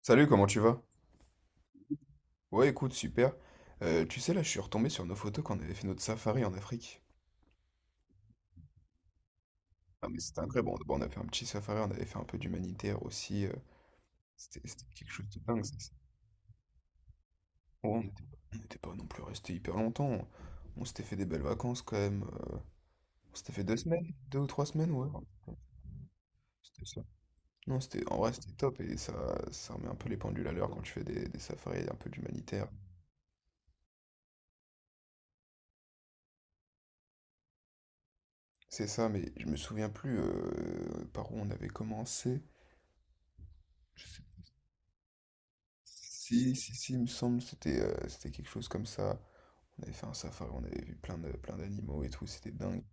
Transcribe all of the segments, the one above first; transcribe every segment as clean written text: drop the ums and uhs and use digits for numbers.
Salut, comment tu vas? Ouais, écoute, super. Tu sais, là, je suis retombé sur nos photos quand on avait fait notre safari en Afrique. Ah, mais c'était incroyable. Bon, on a fait un petit safari, on avait fait un peu d'humanitaire aussi. C'était quelque chose de dingue. Ça, ça. Ouais, on n'était pas non plus resté hyper longtemps. On s'était fait des belles vacances quand même. On s'était fait deux ou trois semaines, ouais. C'était ça. Non, en vrai, c'était top et ça remet un peu les pendules à l'heure quand tu fais des safaris un peu d'humanitaire. C'est ça, mais je me souviens plus par où on avait commencé. Si, si, si, il me semble, c'était quelque chose comme ça. On avait fait un safari, on avait vu plein d'animaux et tout, c'était dingue.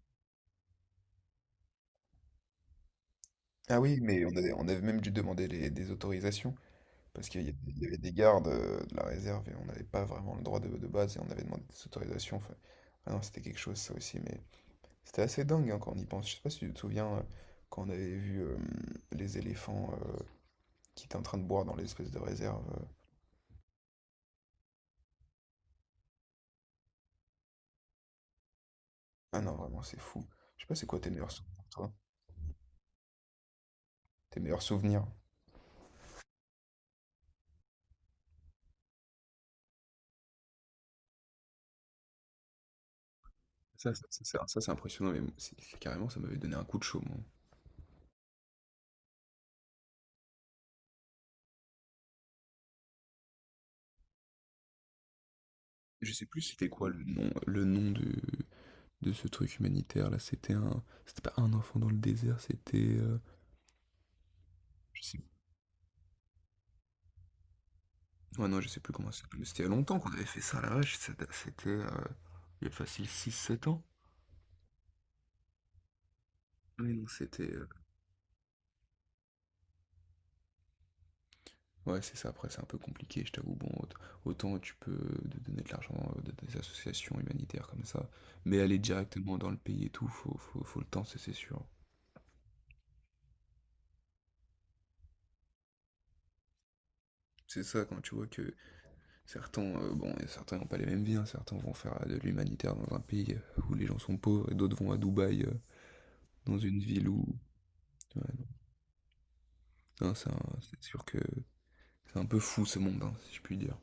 Ah oui, mais on avait même dû demander des autorisations, parce qu'il y avait des gardes de la réserve et on n'avait pas vraiment le droit de base et on avait demandé des autorisations. Enfin, ah non, c'était quelque chose ça aussi, mais c'était assez dingue hein, quand on y pense. Je sais pas si tu te souviens quand on avait vu les éléphants qui étaient en train de boire dans l'espèce de réserve. Ah non, vraiment, c'est fou. Je sais pas c'est quoi tes meilleurs souvenirs, toi? Tes meilleurs souvenirs. Ça, c'est impressionnant, mais c'est carrément, ça m'avait donné un coup de chaud, moi. Je sais plus c'était quoi le nom, de ce truc humanitaire, là. C'était un... C'était pas un enfant dans le désert, Je sais... Ouais, non, je sais plus comment ça s'appelle. Mais c'était il y a longtemps qu'on avait fait ça, la vache. Il y a facile six sept ans. Oui, non. Ouais, c'est ça. Après, c'est un peu compliqué, je t'avoue. Bon, autant tu peux donner de l'argent à des associations humanitaires comme ça, mais aller directement dans le pays et tout, faut le temps, c'est sûr. C'est ça, quand tu vois que Certains, bon, et certains n'ont pas les mêmes vies, hein. Certains vont faire de l'humanitaire dans un pays où les gens sont pauvres, et d'autres vont à Dubaï, dans une ville où... Ouais, non. C'est sûr que c'est un peu fou ce monde, hein, si je puis dire.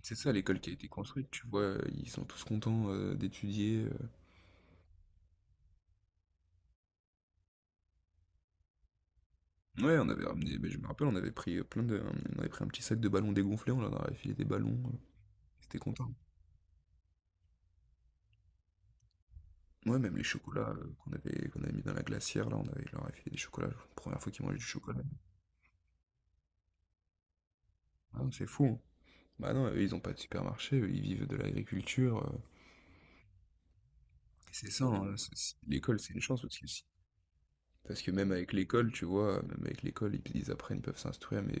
C'est ça, l'école qui a été construite, tu vois, ils sont tous contents d'étudier. Ouais, on avait ramené, mais je me rappelle, on avait pris plein de... On avait pris un petit sac de ballons dégonflés, on leur avait filé des ballons, c'était content. Ouais, même les chocolats qu'on avait mis dans la glacière, là, on avait leur avait filé des chocolats, première fois qu'ils mangeaient du chocolat. Ah, c'est fou, hein. Bah non, eux, ils n'ont pas de supermarché, eux, ils vivent de l'agriculture. Et c'est ça, hein, l'école, c'est une chance aussi. Parce que même avec l'école, tu vois, même avec l'école, ils apprennent, ils peuvent s'instruire,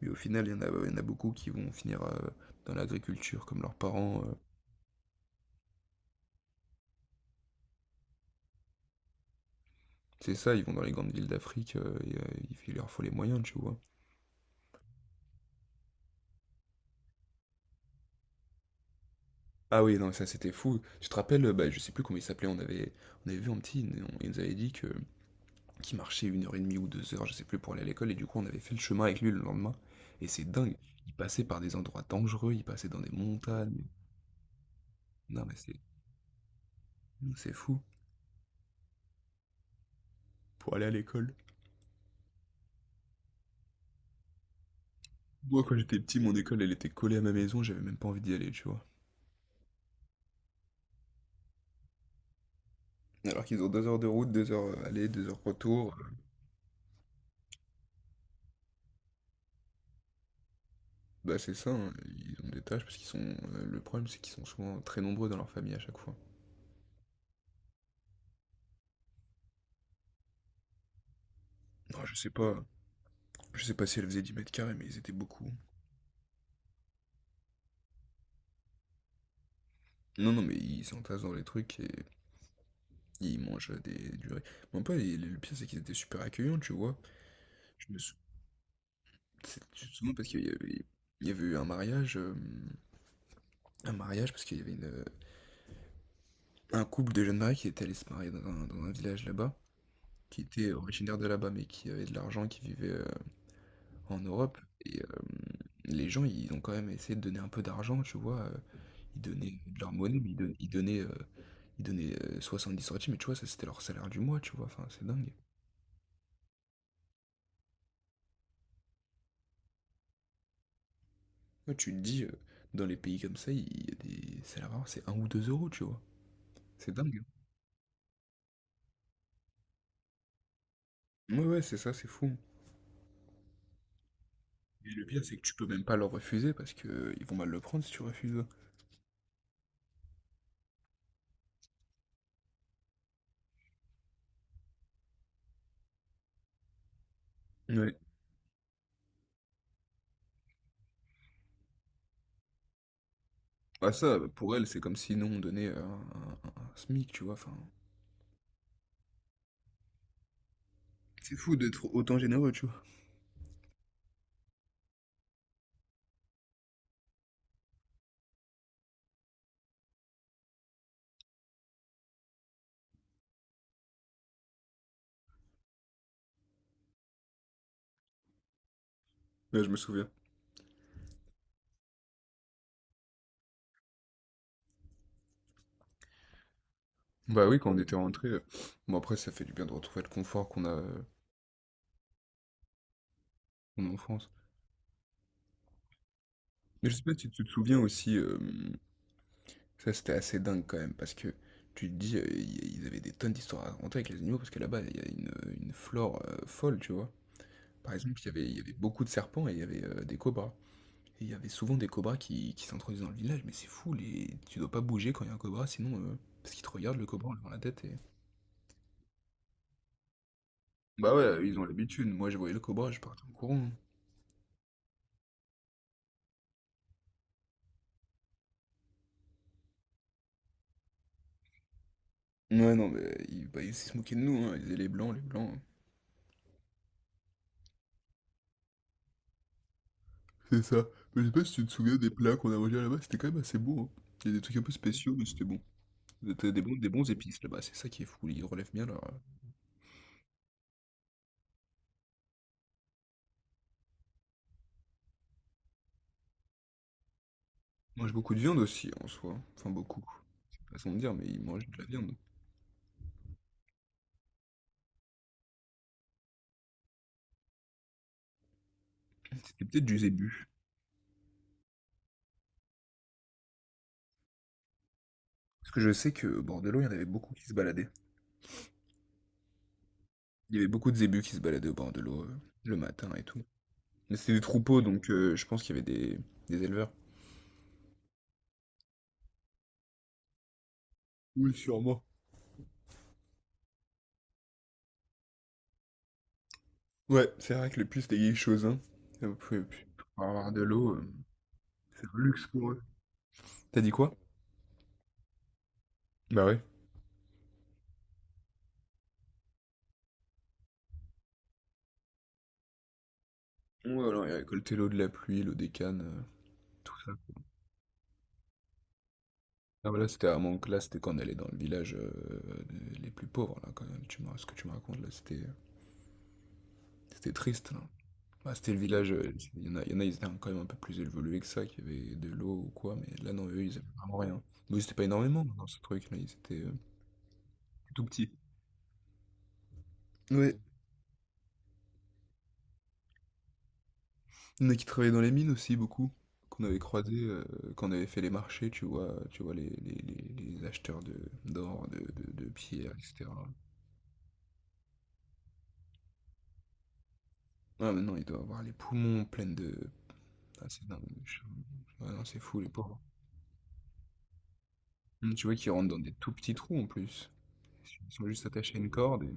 mais au final, il y en a beaucoup qui vont finir dans l'agriculture, comme leurs parents. C'est ça, ils vont dans les grandes villes d'Afrique, et il leur faut les moyens, tu vois. Ah oui, non, ça c'était fou. Tu te rappelles, bah, je sais plus comment il s'appelait, on avait vu un petit, il nous avait dit que qui marchait une heure et demie ou deux heures, je sais plus, pour aller à l'école, et du coup on avait fait le chemin avec lui le lendemain, et c'est dingue. Il passait par des endroits dangereux, il passait dans des montagnes. Non mais C'est fou, pour aller à l'école. Moi quand j'étais petit, mon école elle était collée à ma maison, j'avais même pas envie d'y aller, tu vois. Alors qu'ils ont deux heures de route, deux heures aller, deux heures retour, bah c'est ça, hein, ils ont des tâches parce qu'ils sont. Le problème c'est qu'ils sont souvent très nombreux dans leur famille à chaque fois. Non, je sais pas si elle faisait 10 mètres carrés, mais ils étaient beaucoup. Non, non, mais ils s'entassent dans les trucs et ils mangent du riz. Mais en plus, le pire, c'est qu'ils étaient super accueillants, tu vois. Je me sou- c'est justement parce qu'il y avait eu un mariage parce qu'il y avait une, un couple de jeunes mariés qui était allé se marier dans un village là-bas, qui était originaire de là-bas, mais qui avait de l'argent, qui vivait en Europe. Et les gens, ils ont quand même essayé de donner un peu d'argent, tu vois. Ils donnaient de leur monnaie, mais ils donnaient dix centimes, mais tu vois, ça c'était leur salaire du mois, tu vois. Enfin, c'est dingue. Ouais, tu te dis, dans les pays comme ça, il y a des salaires vraiment, c'est un ou 2 euros tu vois? C'est dingue, hein. Ouais, ouais, c'est ça, c'est fou, hein, et le pire, c'est que tu peux même pas leur refuser parce que ils vont mal le prendre si tu refuses. Ouais. Bah, ça, pour elle c'est comme si nous, on donnait un SMIC, tu vois? Enfin, c'est fou d'être autant généreux, tu vois? Ouais, je me souviens. Bah oui, quand on était rentrés, bon, après, ça fait du bien de retrouver le confort qu'on a, qu'on a en France, mais je sais pas si tu te souviens aussi, ça, c'était assez dingue quand même, parce que tu te dis, ils avaient des tonnes d'histoires à raconter avec les animaux, parce que là-bas, il y a une flore folle, tu vois. Par exemple, il y avait beaucoup de serpents et il y avait des cobras. Et il y avait souvent des cobras qui s'introduisent dans le village, mais c'est fou, les... tu dois pas bouger quand il y a un cobra, sinon, parce qu'ils te regardent, le cobra en levant la tête et... Bah ouais, ils ont l'habitude, moi je voyais le cobra, je partais en courant, hein. Ouais, non, mais bah, ils se moquaient de nous, hein. Ils disaient les blancs, les blancs, hein. C'est ça. Mais je sais pas si tu te souviens des plats qu'on a mangés là-bas, c'était quand même assez bon, hein. Il y a des trucs un peu spéciaux, mais c'était bon. Vous êtes, des bons épices là-bas, c'est ça qui est fou, ils relèvent bien leur, ils mangent beaucoup de viande aussi en soi, enfin beaucoup, façon de dire, mais ils mangent de la viande. C'était peut-être du zébu, parce que je sais qu'au bord de l'eau, il y en avait beaucoup qui se baladaient. Il y avait beaucoup de zébus qui se baladaient au bord de l'eau, le matin et tout. Mais c'était des troupeaux donc je pense qu'il y avait des éleveurs. Oui, sûrement. Ouais, c'est vrai que les puces, c'était quelque chose, hein. P p Pour avoir de l'eau, c'est un luxe pour eux. Tu dit quoi? Bah ouais. Ouais, alors ils récoltaient l'eau de la pluie, l'eau des cannes, tout ça. Ah bah là, c'était quand on allait dans le village les plus pauvres, là, quand même. Ce que tu me racontes, là, c'était triste, là. Bah, c'était le village, euh, il y en a, ils étaient quand même un peu plus évolués que ça, qui avaient de l'eau ou quoi, mais là, non, eux, ils avaient vraiment rien. Mais c'était pas énormément dans ce truc, là, ils étaient tout petits. Ouais, il y en a qui travaillaient dans les mines aussi, beaucoup, qu'on avait croisé, quand on avait fait les marchés, tu vois, les acheteurs d'or, de pierres, etc. Ah, mais non, il doit avoir les poumons pleins de, ah, c'est dingue. je- Ouais, non, c'est fou, les pauvres. Tu vois qu'ils rentrent dans des tout petits trous en plus. Ils sont juste attachés à une corde et...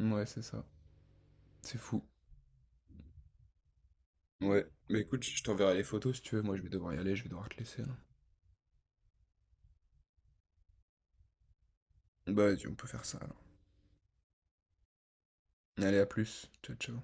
Ouais, c'est ça. C'est fou. Ouais, mais écoute, je t'enverrai les photos si tu veux. Moi, je vais devoir y aller, je vais devoir te laisser là. Bah, vas-y, on peut faire ça alors. Allez, à plus. Ciao, ciao.